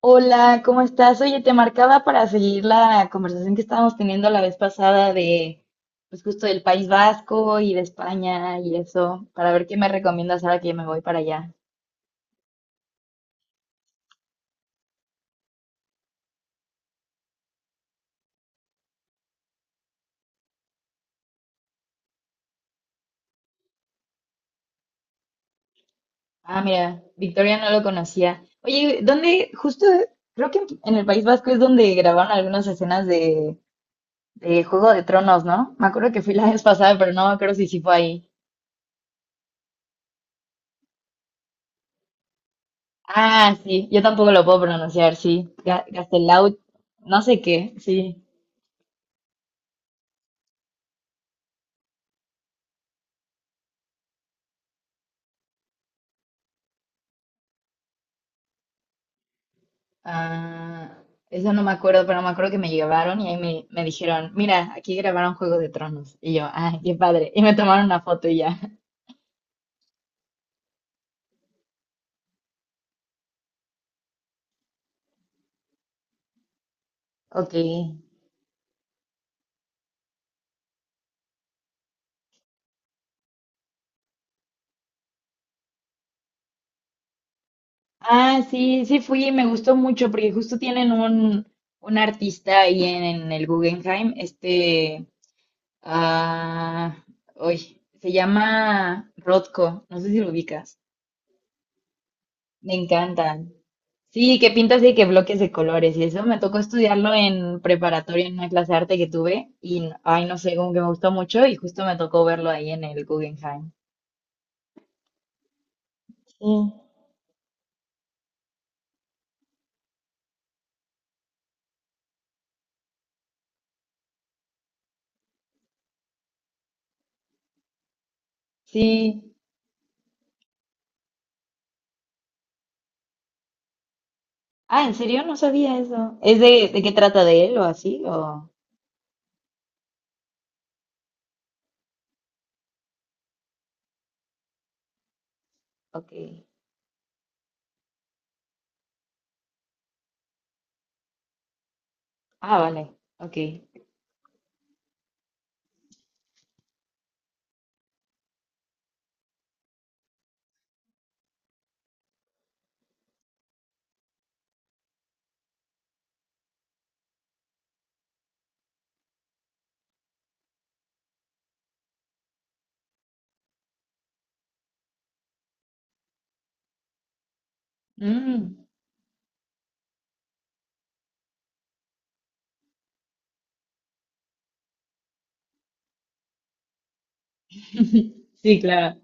Hola, ¿cómo estás? Oye, te marcaba para seguir la conversación que estábamos teniendo la vez pasada de, pues justo del País Vasco y de España y eso, para ver qué me recomiendas ahora que me voy para allá. Ah, mira, Victoria no lo conocía. Oye, ¿dónde? Justo, creo que en el País Vasco es donde grabaron algunas escenas de Juego de Tronos, ¿no? Me acuerdo que fui la vez pasada, pero no me acuerdo si sí fue ahí. Ah, sí, yo tampoco lo puew pronunciar, sí. Gaztelau, no sé qué, sí. Ah, eso no me acuerdo, pero me acuerdo que me llevaron y ahí me dijeron, mira, aquí grabaron Juego de Tronos. Y yo, ay, qué padre. Y me tomaron una foto y ya. Ok. Ah, sí, sí fui y me gustó mucho porque justo tienen un artista ahí en el Guggenheim, este, ah, uy, se llama Rothko, no sé si lo ubicas. Me encantan. Sí, que pintas y que bloques de colores. Y eso me tocó estudiarlo en preparatoria en una clase de arte que tuve. Ay, no sé, como que me gustó mucho y justo me tocó verlo ahí en el Guggenheim. Sí. Sí. Ah, ¿en serio? No sabía eso. ¿Es de qué trata de él o así? Ok. Ah, vale. Ok. Mm. Sí, claro.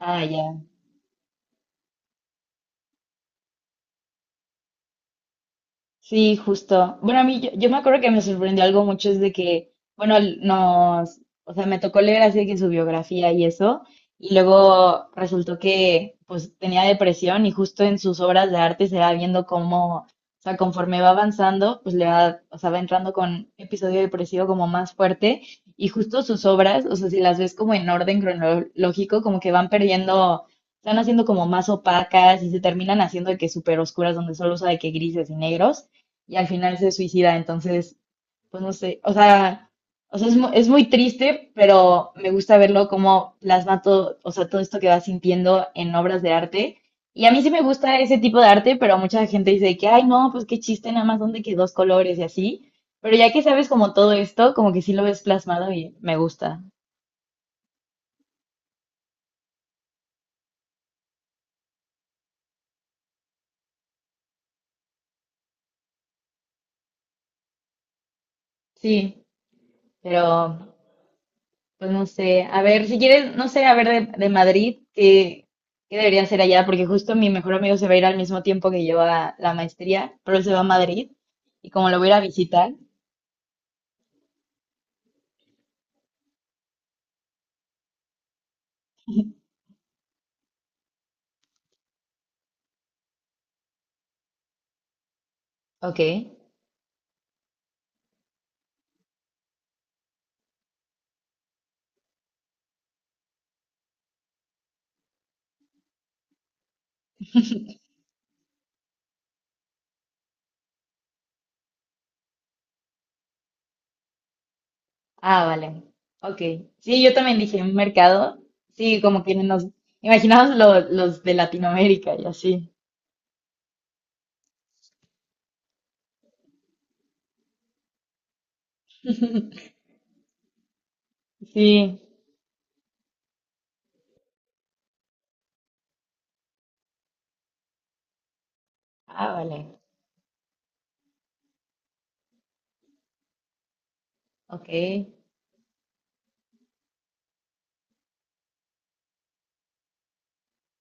Ah, ya. Sí, justo. Bueno, a mí yo me acuerdo que me sorprendió algo mucho es de que, bueno, nos, o sea, me tocó leer así de que su biografía y eso, y luego resultó que pues tenía depresión y justo en sus obras de arte se va viendo cómo, o sea, conforme va avanzando, pues le va, o sea, va entrando con episodio depresivo como más fuerte y justo sus obras, o sea, si las ves como en orden cronológico, como que van perdiendo, están haciendo como más opacas y se terminan haciendo de que súper oscuras donde solo usa de que grises y negros y al final se suicida. Entonces, pues no sé, o sea es, es muy triste, pero me gusta verlo como plasma todo, o sea, todo esto que va sintiendo en obras de arte. Y a mí sí me gusta ese tipo de arte, pero mucha gente dice que, ay, no, pues qué chiste, nada más donde que dos colores y así. Pero ya que sabes como todo esto, como que sí lo ves plasmado y me gusta. Sí, pero pues no sé, a ver, si quieres, no sé, a ver de Madrid, ¿qué, qué debería hacer allá? Porque justo mi mejor amigo se va a ir al mismo tiempo que yo a la maestría, pero él se va a Madrid y como lo voy a ir a visitar, ok. Ah, vale, ok. Sí, yo también dije un mercado, sí, como que nos imaginamos los de Latinoamérica y así. Sí, ah, vale, ok.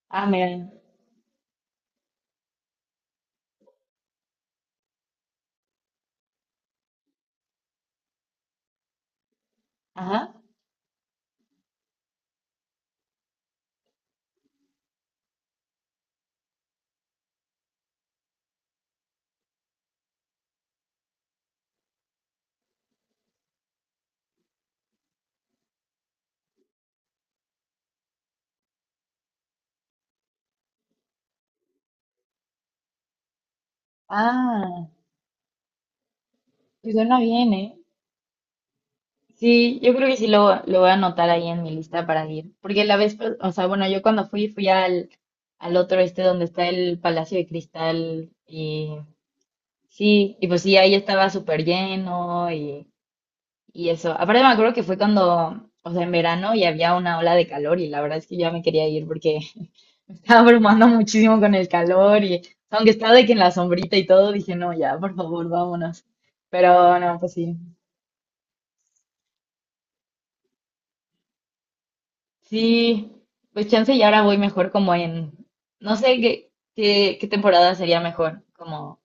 Ah, mira, ajá. Ah, pues suena bien, ¿eh? Sí, yo creo que sí lo voy a anotar ahí en mi lista para ir. Porque la vez, o sea, bueno, yo cuando fui al otro este donde está el Palacio de Cristal y sí, y pues sí, ahí estaba súper lleno y eso. Aparte me acuerdo que fue cuando, o sea, en verano y había una ola de calor y la verdad es que yo ya me quería ir porque me estaba abrumando muchísimo con el calor y aunque estaba de que en la sombrita y todo, dije, no, ya, por favor, vámonos. Pero no, pues sí. Sí, pues chance y ahora voy mejor como en, no sé qué temporada sería mejor, como,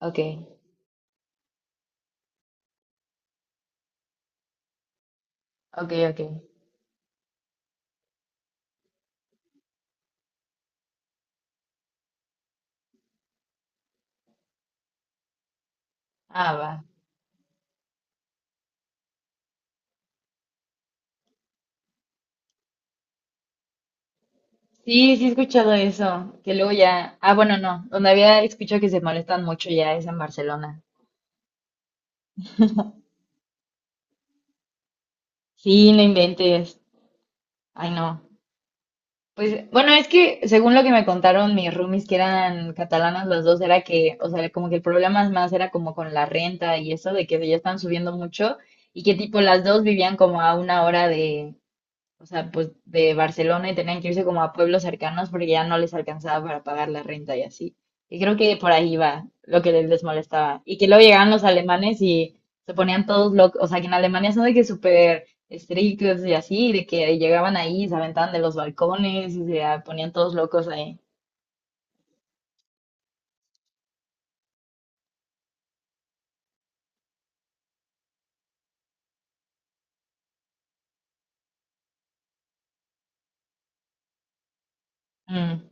ok, ok, ok, ah, va. Sí, sí he escuchado eso, que luego ya, ah, bueno, no, donde había escuchado que se molestan mucho ya es en Barcelona. Sí, no inventes, ay, no. Pues, bueno, es que según lo que me contaron mis roomies, que eran catalanas los dos, era que, o sea, como que el problema es más era como con la renta y eso, de que ya están subiendo mucho y que tipo las dos vivían como a 1 hora de, o sea, pues de Barcelona y tenían que irse como a pueblos cercanos porque ya no les alcanzaba para pagar la renta y así. Y creo que por ahí va lo que les molestaba. Y que luego llegaban los alemanes y se ponían todos locos, o sea, que en Alemania son de que súper estrictos y así, de que llegaban ahí, y se aventaban de los balcones y se ponían todos locos ahí. Mm.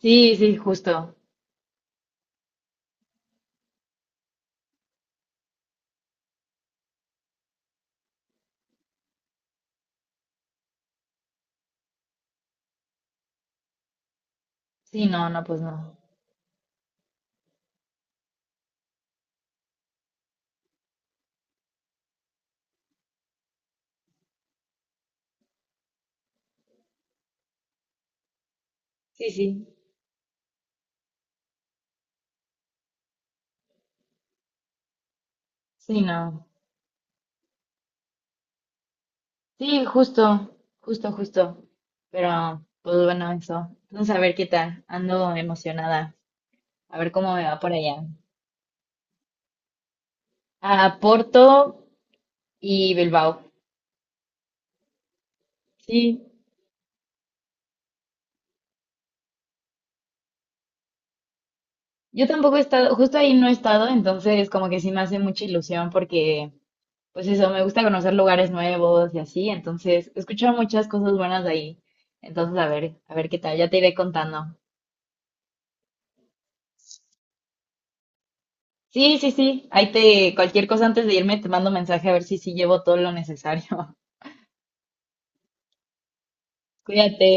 Sí, sí, justo. Sí, no, no, pues no. Sí, sí. Sí, no. Sí, justo, justo, justo. Pero, pues bueno, eso. Entonces, a ver qué tal. Ando emocionada. A ver cómo me va por allá. A Porto y Bilbao. Sí, yo tampoco he estado, justo ahí no he estado, entonces como que sí me hace mucha ilusión porque, pues eso, me gusta conocer lugares nuevos y así. Entonces, he escuchado muchas cosas buenas de ahí. Entonces, a ver qué tal. Ya te iré contando. Sí, sí, sí. Ahí te, cualquier cosa antes de irme, te mando mensaje a ver si sí llevo todo lo necesario. Cuídate.